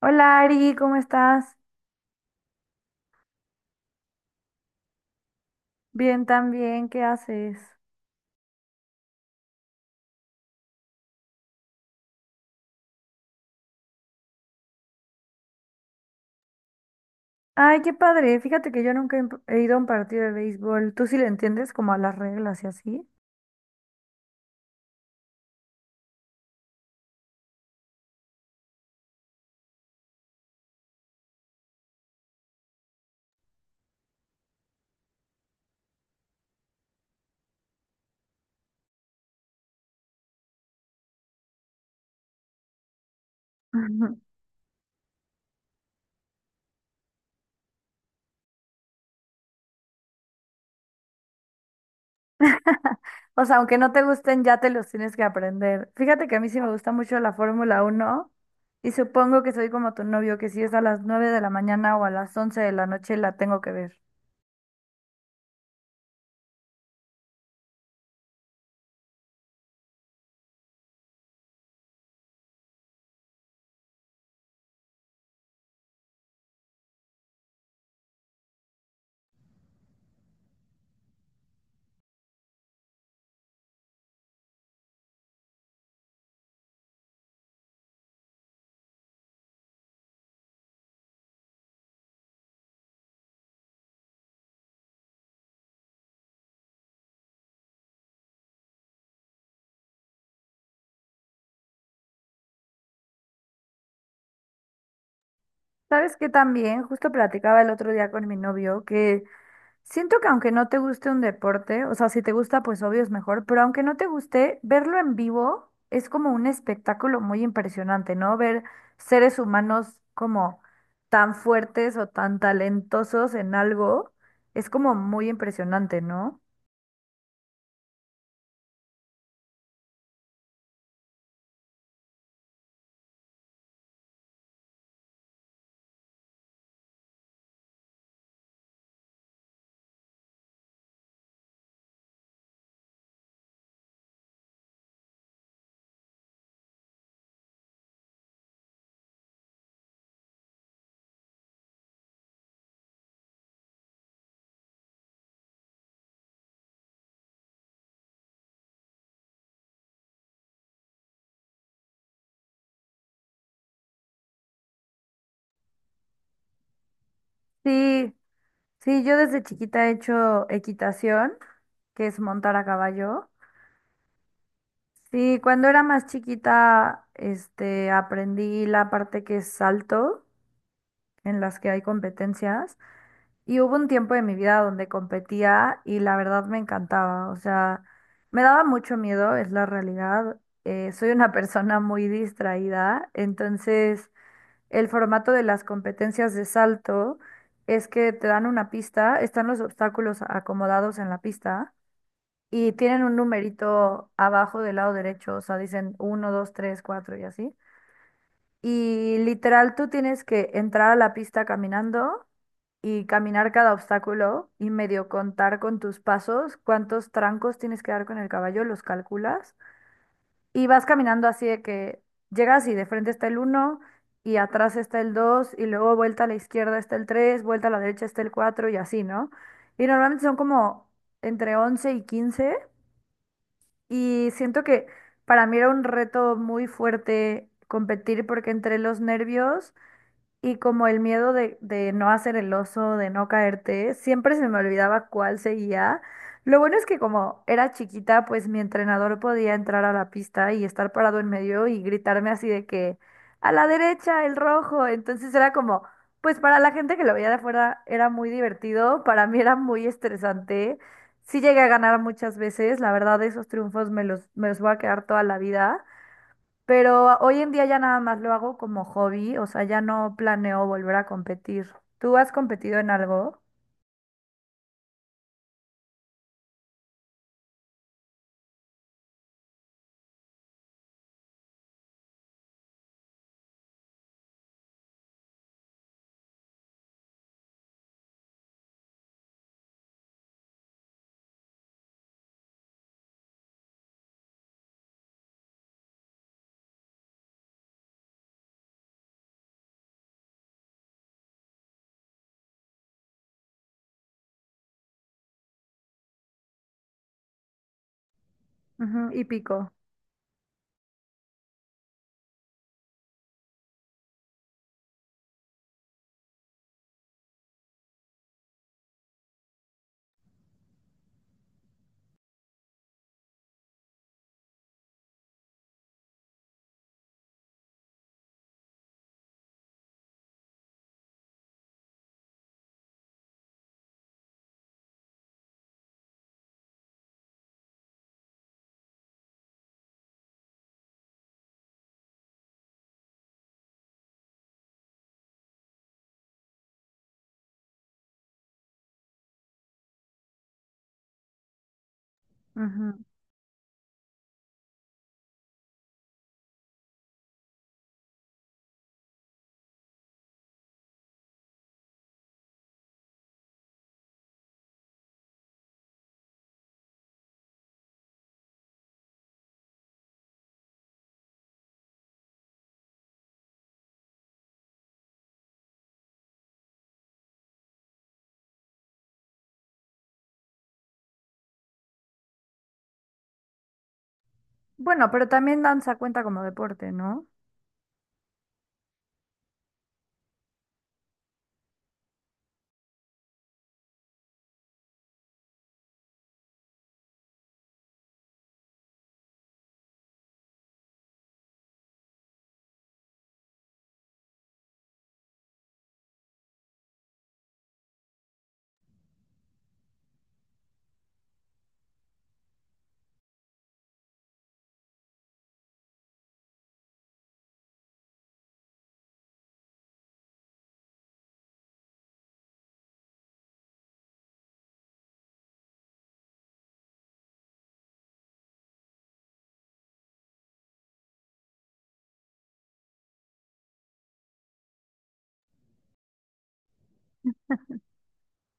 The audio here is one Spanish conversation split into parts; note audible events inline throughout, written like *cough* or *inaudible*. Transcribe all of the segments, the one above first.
Hola Ari, ¿cómo estás? Bien también, ¿qué haces? Ay, qué padre. Fíjate que yo nunca he ido a un partido de béisbol. ¿Tú sí le entiendes como a las reglas y así? Ujú. *laughs* O sea, aunque no te gusten, ya te los tienes que aprender. Fíjate que a mí sí me gusta mucho la Fórmula uno. Y supongo que soy como tu novio, que si es a las 9 de la mañana o a las 11 de la noche la tengo que ver. ¿Sabes qué también? Justo platicaba el otro día con mi novio que siento que aunque no te guste un deporte, o sea, si te gusta, pues obvio es mejor, pero aunque no te guste, verlo en vivo es como un espectáculo muy impresionante, ¿no? Ver seres humanos como tan fuertes o tan talentosos en algo es como muy impresionante, ¿no? Sí, sí, yo desde chiquita he hecho equitación, que es montar a caballo. Sí, cuando era más chiquita, este, aprendí la parte que es salto, en las que hay competencias. Y hubo un tiempo de mi vida donde competía y la verdad me encantaba. O sea, me daba mucho miedo, es la realidad. Soy una *laughs* persona muy distraída, entonces el formato de las competencias de salto es que te dan una pista, están los obstáculos acomodados en la pista y tienen un numerito abajo del lado derecho, o sea, dicen uno 2 3 4 y así. Y literal tú tienes que entrar a la pista caminando y caminar cada obstáculo y medio contar con tus pasos cuántos trancos tienes que dar con el caballo, los calculas y vas caminando así de que llegas y de frente está el uno y atrás está el 2 y luego vuelta a la izquierda está el 3 vuelta a la derecha está el 4 y así, ¿no? Y normalmente son como entre 11 y 15 y siento que para mí era un reto muy fuerte competir porque entre los nervios y como el miedo de no hacer el oso, de no caerte, siempre se me olvidaba cuál seguía. Lo bueno es que como era chiquita, pues mi entrenador podía entrar a la pista y estar parado en medio y gritarme así de que a la derecha, el rojo. Entonces era como, pues para la gente que lo veía de afuera era muy divertido, para mí era muy estresante. Sí llegué a ganar muchas veces, la verdad esos triunfos me los voy a quedar toda la vida. Pero hoy en día ya nada más lo hago como hobby, o sea, ya no planeo volver a competir. ¿Tú has competido en algo? Ujú, y pico. Ujú. Bueno, pero también danza cuenta como deporte, ¿no?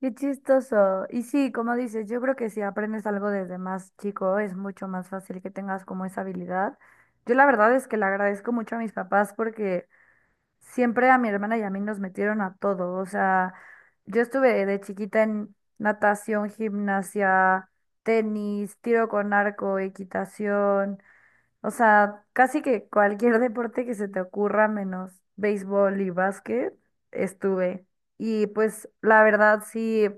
Qué chistoso. Y sí, como dices, yo creo que si aprendes algo desde más chico es mucho más fácil que tengas como esa habilidad. Yo la verdad es que le agradezco mucho a mis papás porque siempre a mi hermana y a mí nos metieron a todo. O sea, yo estuve de chiquita en natación, gimnasia, tenis, tiro con arco, equitación. O sea, casi que cualquier *laughs* deporte que se te ocurra, menos béisbol y básquet, estuve. Y pues la verdad sí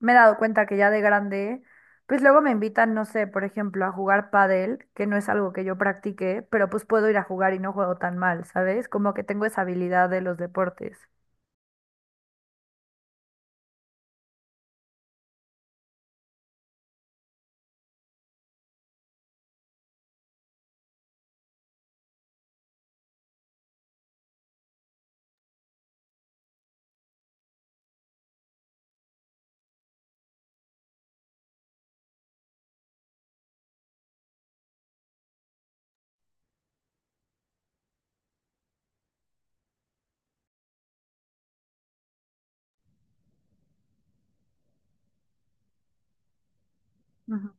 me he dado cuenta que ya de grande, pues luego me invitan, no sé, por ejemplo, a jugar pádel, que no es algo que yo practique, pero pues puedo ir a jugar y no juego tan mal, ¿sabes? Como que tengo esa habilidad de los deportes. Ujú.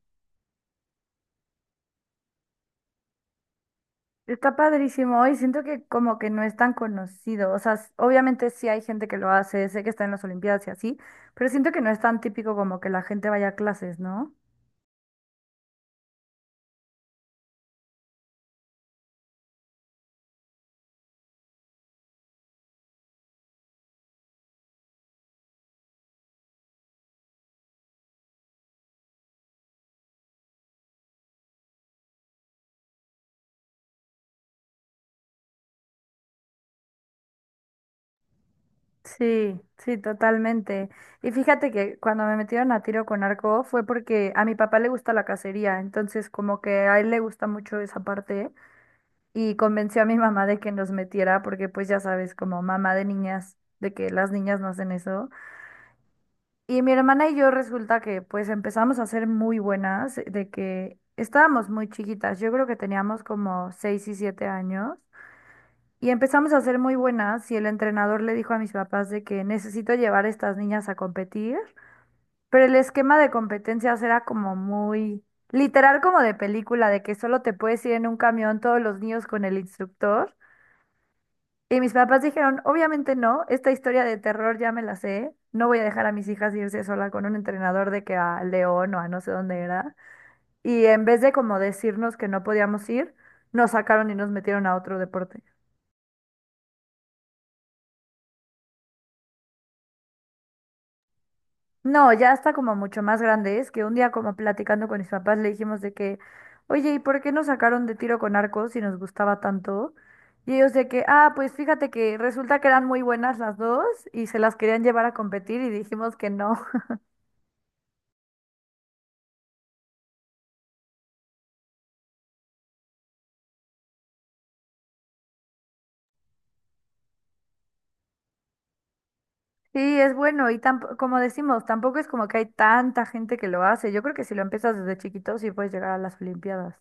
Está padrísimo y siento que como que no es tan conocido, o sea, s- obviamente sí hay gente que lo hace, sé que está en las Olimpiadas y así, pero siento que no es tan típico como que la gente vaya a clases, ¿no? Sí, sí, totalmente. Y fíjate que cuando me metieron a tiro con arco fue porque a mi papá le gusta la cacería, entonces como que a él le gusta mucho esa parte y convenció a mi mamá de que nos metiera porque pues ya sabes, como mamá de niñas, de que las niñas no hacen eso. Y mi hermana y yo resulta que pues empezamos a ser muy buenas, de que estábamos muy chiquitas, yo creo que teníamos como 6 y 7 años. Y empezamos a ser muy buenas y el entrenador le dijo a mis papás de que necesito llevar a estas niñas a competir, pero el esquema de competencias era como muy literal como de película, de que solo te puedes ir en un camión todos los niños con el instructor. Y mis papás dijeron, obviamente no, esta historia de terror ya me la sé, no voy a dejar a mis hijas irse sola con un entrenador de que a León o a no sé dónde era. Y en vez de como decirnos que no podíamos ir, nos sacaron y nos metieron a otro deporte. No, ya está como mucho más grande. Es que un día como platicando con mis papás le dijimos de que, oye, ¿y por qué nos sacaron de tiro con arco si nos gustaba tanto? Y ellos de que, ah, pues fíjate que resulta que eran muy buenas las dos y se las querían llevar a competir y dijimos que no. *laughs* Sí, es bueno y tampo- como decimos, tampoco es como que hay tanta gente que lo hace. Yo creo que si lo empiezas desde chiquito sí puedes llegar a las Olimpiadas.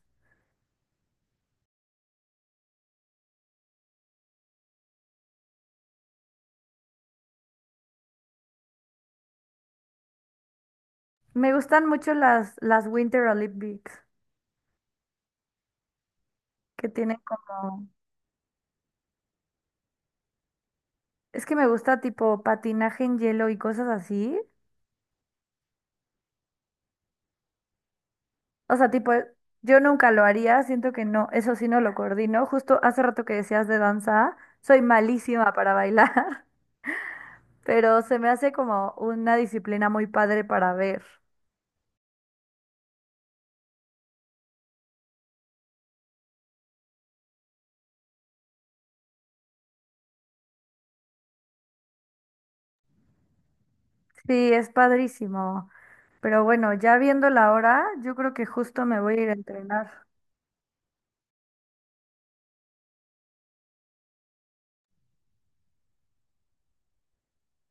Me gustan mucho las Winter Olympics que tienen como... Es que me gusta tipo patinaje en hielo y cosas así. O sea, tipo, yo nunca lo haría, siento que no, eso sí no lo coordino. Justo hace rato que decías de danza, soy malísima para bailar, *laughs* pero se me hace como una disciplina muy padre para ver. Sí, es padrísimo. Pero bueno, ya viendo la hora, yo creo que justo me voy a ir a entrenar.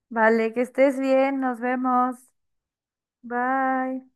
Vale, que estés bien, nos vemos. Bye.